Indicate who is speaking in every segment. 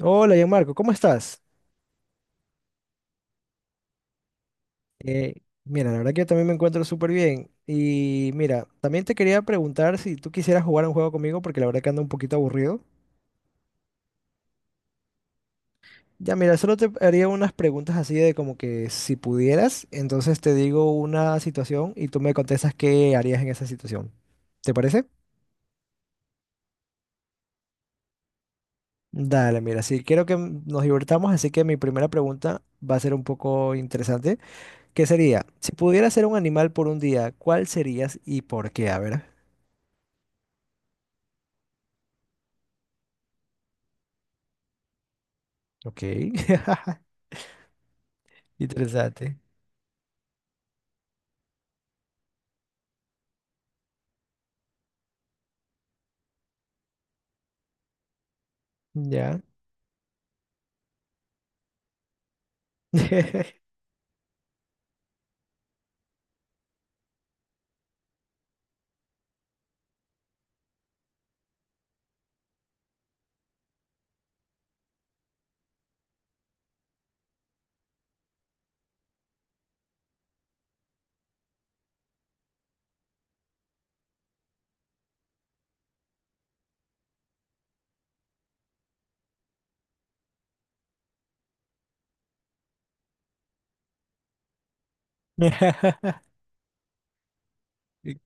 Speaker 1: Hola, Gianmarco, ¿cómo estás? Eh, Mira, la verdad que yo también me encuentro súper bien. Y mira, también te quería preguntar si tú quisieras jugar un juego conmigo, porque la verdad que ando un poquito aburrido. Ya, mira, solo te haría unas preguntas así de como que si pudieras, entonces te digo una situación y tú me contestas qué harías en esa situación. ¿Te parece? Dale, mira, sí, quiero que nos divertamos, así que mi primera pregunta va a ser un poco interesante, que sería, si pudieras ser un animal por un día, ¿cuál serías y por qué? A ver. Ok. Interesante. Ya. Ex-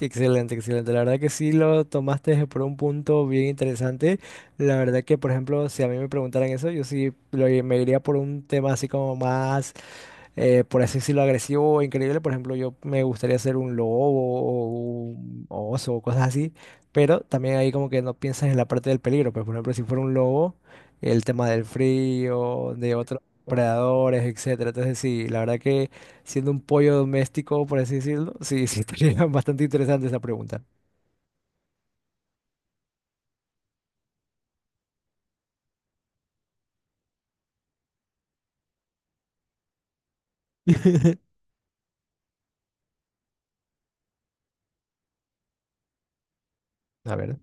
Speaker 1: Excelente, excelente. La verdad que sí lo tomaste por un punto bien interesante. La verdad que, por ejemplo, si a mí me preguntaran eso, yo sí me iría por un tema así como más por así decirlo, agresivo o increíble. Por ejemplo, yo me gustaría ser un lobo o un oso o cosas así, pero también ahí como que no piensas en la parte del peligro. Pues, por ejemplo, si fuera un lobo, el tema del frío, de otros predadores, etcétera. Entonces, sí, la verdad que siendo un pollo doméstico, por así decirlo, sí, sí, estaría bastante interesante esa pregunta. A ver,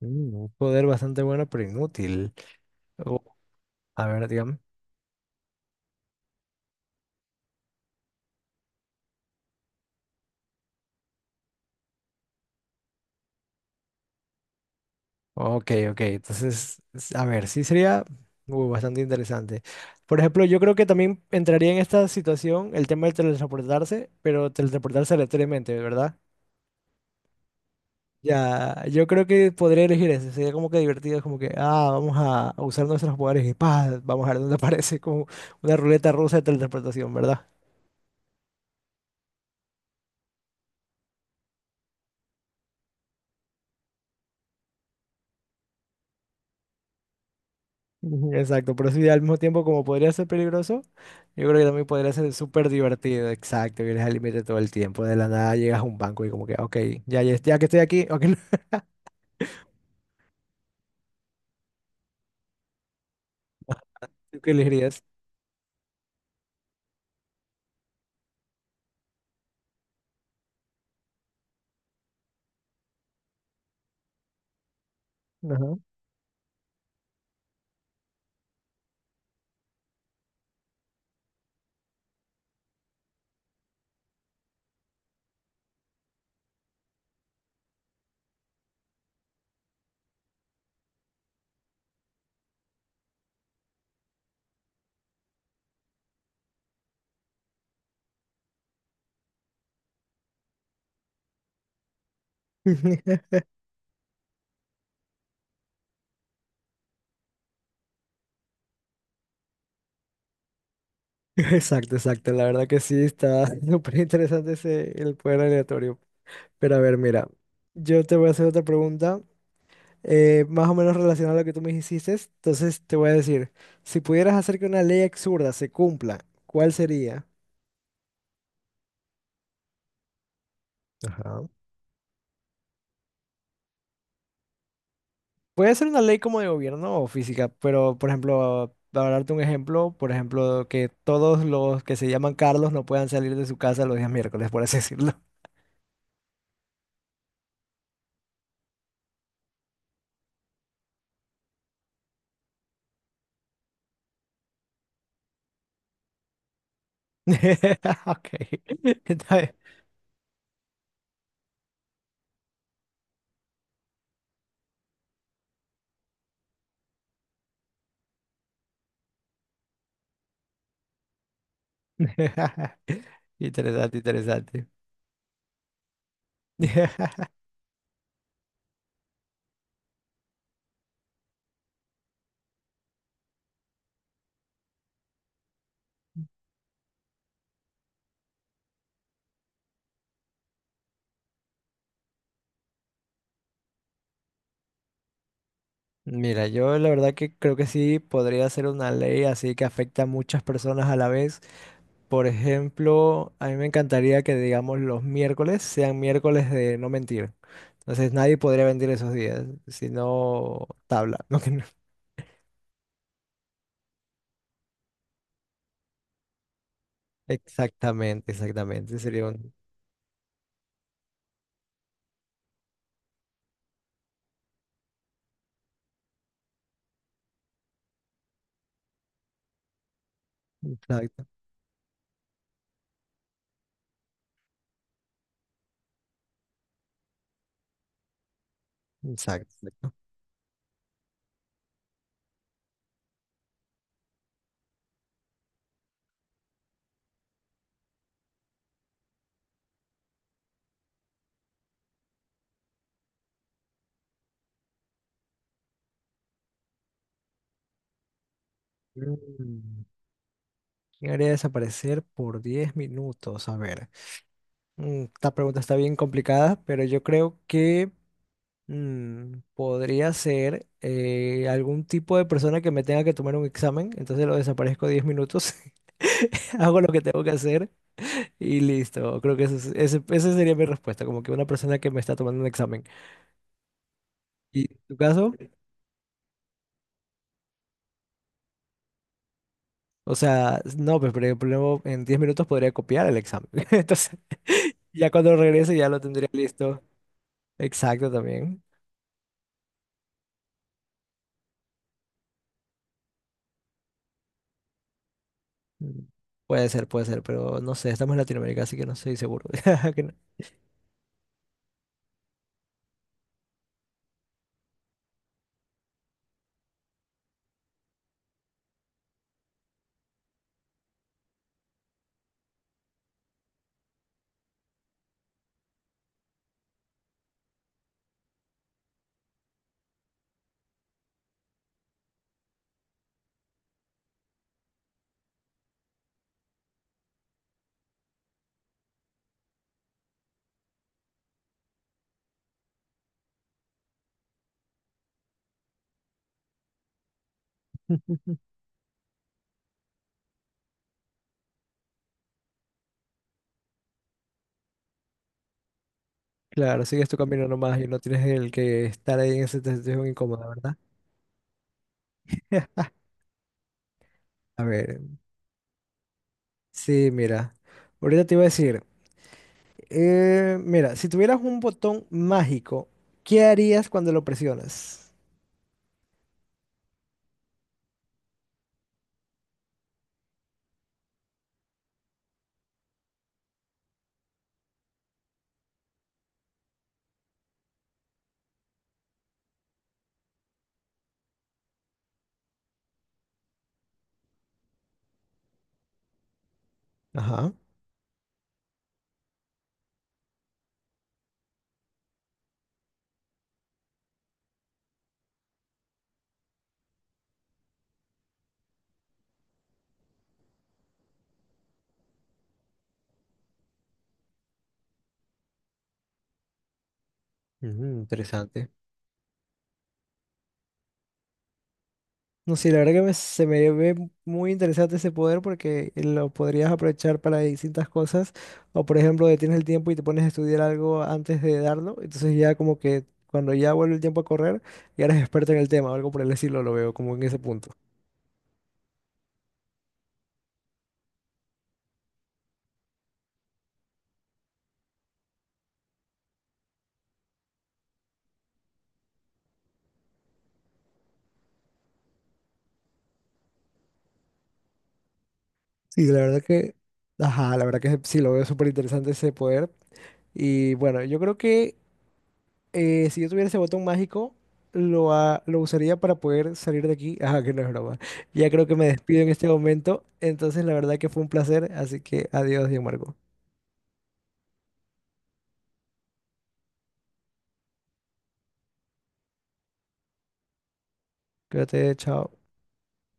Speaker 1: un poder bastante bueno, pero inútil. O- a ver, dígame. Ok, ok. Entonces, a ver, sí sería bastante interesante. Por ejemplo, yo creo que también entraría en esta situación el tema de teletransportarse, pero teletransportarse aleatoriamente, ¿verdad? Ya, yo creo que podría elegir ese. Sería como que divertido, es como que, ah, vamos a usar nuestros poderes y pa, vamos a ver dónde aparece como una ruleta rusa de teletransportación, ¿verdad? Ujú, exacto, pero sí, al mismo tiempo como podría ser peligroso, yo creo que también podría ser súper divertido, exacto, vienes al límite todo el tiempo, de la nada llegas a un banco y como que, ok, ya, ya, ya que estoy aquí, ok. ¿Tú qué elegirías? Ajá. Exacto, exacto, la verdad que sí, está súper interesante ese, el poder aleatorio. Pero a ver, mira, yo te voy a hacer otra pregunta, más o menos relacionada a lo que tú me hiciste, entonces te voy a decir, si pudieras hacer que una ley absurda se cumpla, ¿cuál sería? Ajá. Puede ser una ley como de gobierno o física, pero por ejemplo, para darte un ejemplo, por ejemplo, que todos los que se llaman Carlos no puedan salir de su casa los días miércoles, por así decirlo. Ok. Está bien. Interesante, interesante. Mira, yo la verdad que creo que sí podría ser una ley así que afecta a muchas personas a la vez. Por ejemplo, a mí me encantaría que, digamos, los miércoles sean miércoles de no mentir. Entonces nadie podría mentir esos días, sino tabla. ¿No? Que no- Exactamente, exactamente. Sería un... Exacto, exacto, exacto. Mm, ¿Quién haría desaparecer por 10 minutos? A ver. Esta pregunta está bien complicada, pero yo creo que podría ser algún tipo de persona que me tenga que tomar un examen, entonces lo desaparezco 10 minutos, hago lo que tengo que hacer y listo. Creo que ese, esa sería mi respuesta, como que una persona que me está tomando un examen. ¿Y en tu caso? O sea, no, pues pero el problema en 10 minutos podría copiar el examen. Entonces, ya cuando regrese ya lo tendría listo. Exacto también. Mm, puede ser, pero no sé, estamos en Latinoamérica, así que no estoy seguro. Que no. Claro, sigues tu camino nomás y no tienes el que estar ahí en esa situación incómoda, ¿verdad? A ver, sí, mira. Ahorita te iba a decir, mira, si tuvieras un botón mágico, ¿qué harías cuando lo presionas? Ajá, ujú, interesante. No sé, la verdad que se me ve muy interesante ese poder porque lo podrías aprovechar para distintas cosas. O por ejemplo, detienes el tiempo y te pones a estudiar algo antes de darlo. Entonces ya como que cuando ya vuelve el tiempo a correr, ya eres experto en el tema o algo por el estilo, lo veo como en ese punto. Sí, la verdad que, ajá, la verdad que sí, lo veo súper interesante ese poder. Y bueno, yo creo que si yo tuviera ese botón mágico, lo usaría para poder salir de aquí. Ah, que no es broma. Ya creo que me despido en este momento. Entonces, la verdad que fue un placer. Así que adiós, Diego Marco. Cuídate, chao.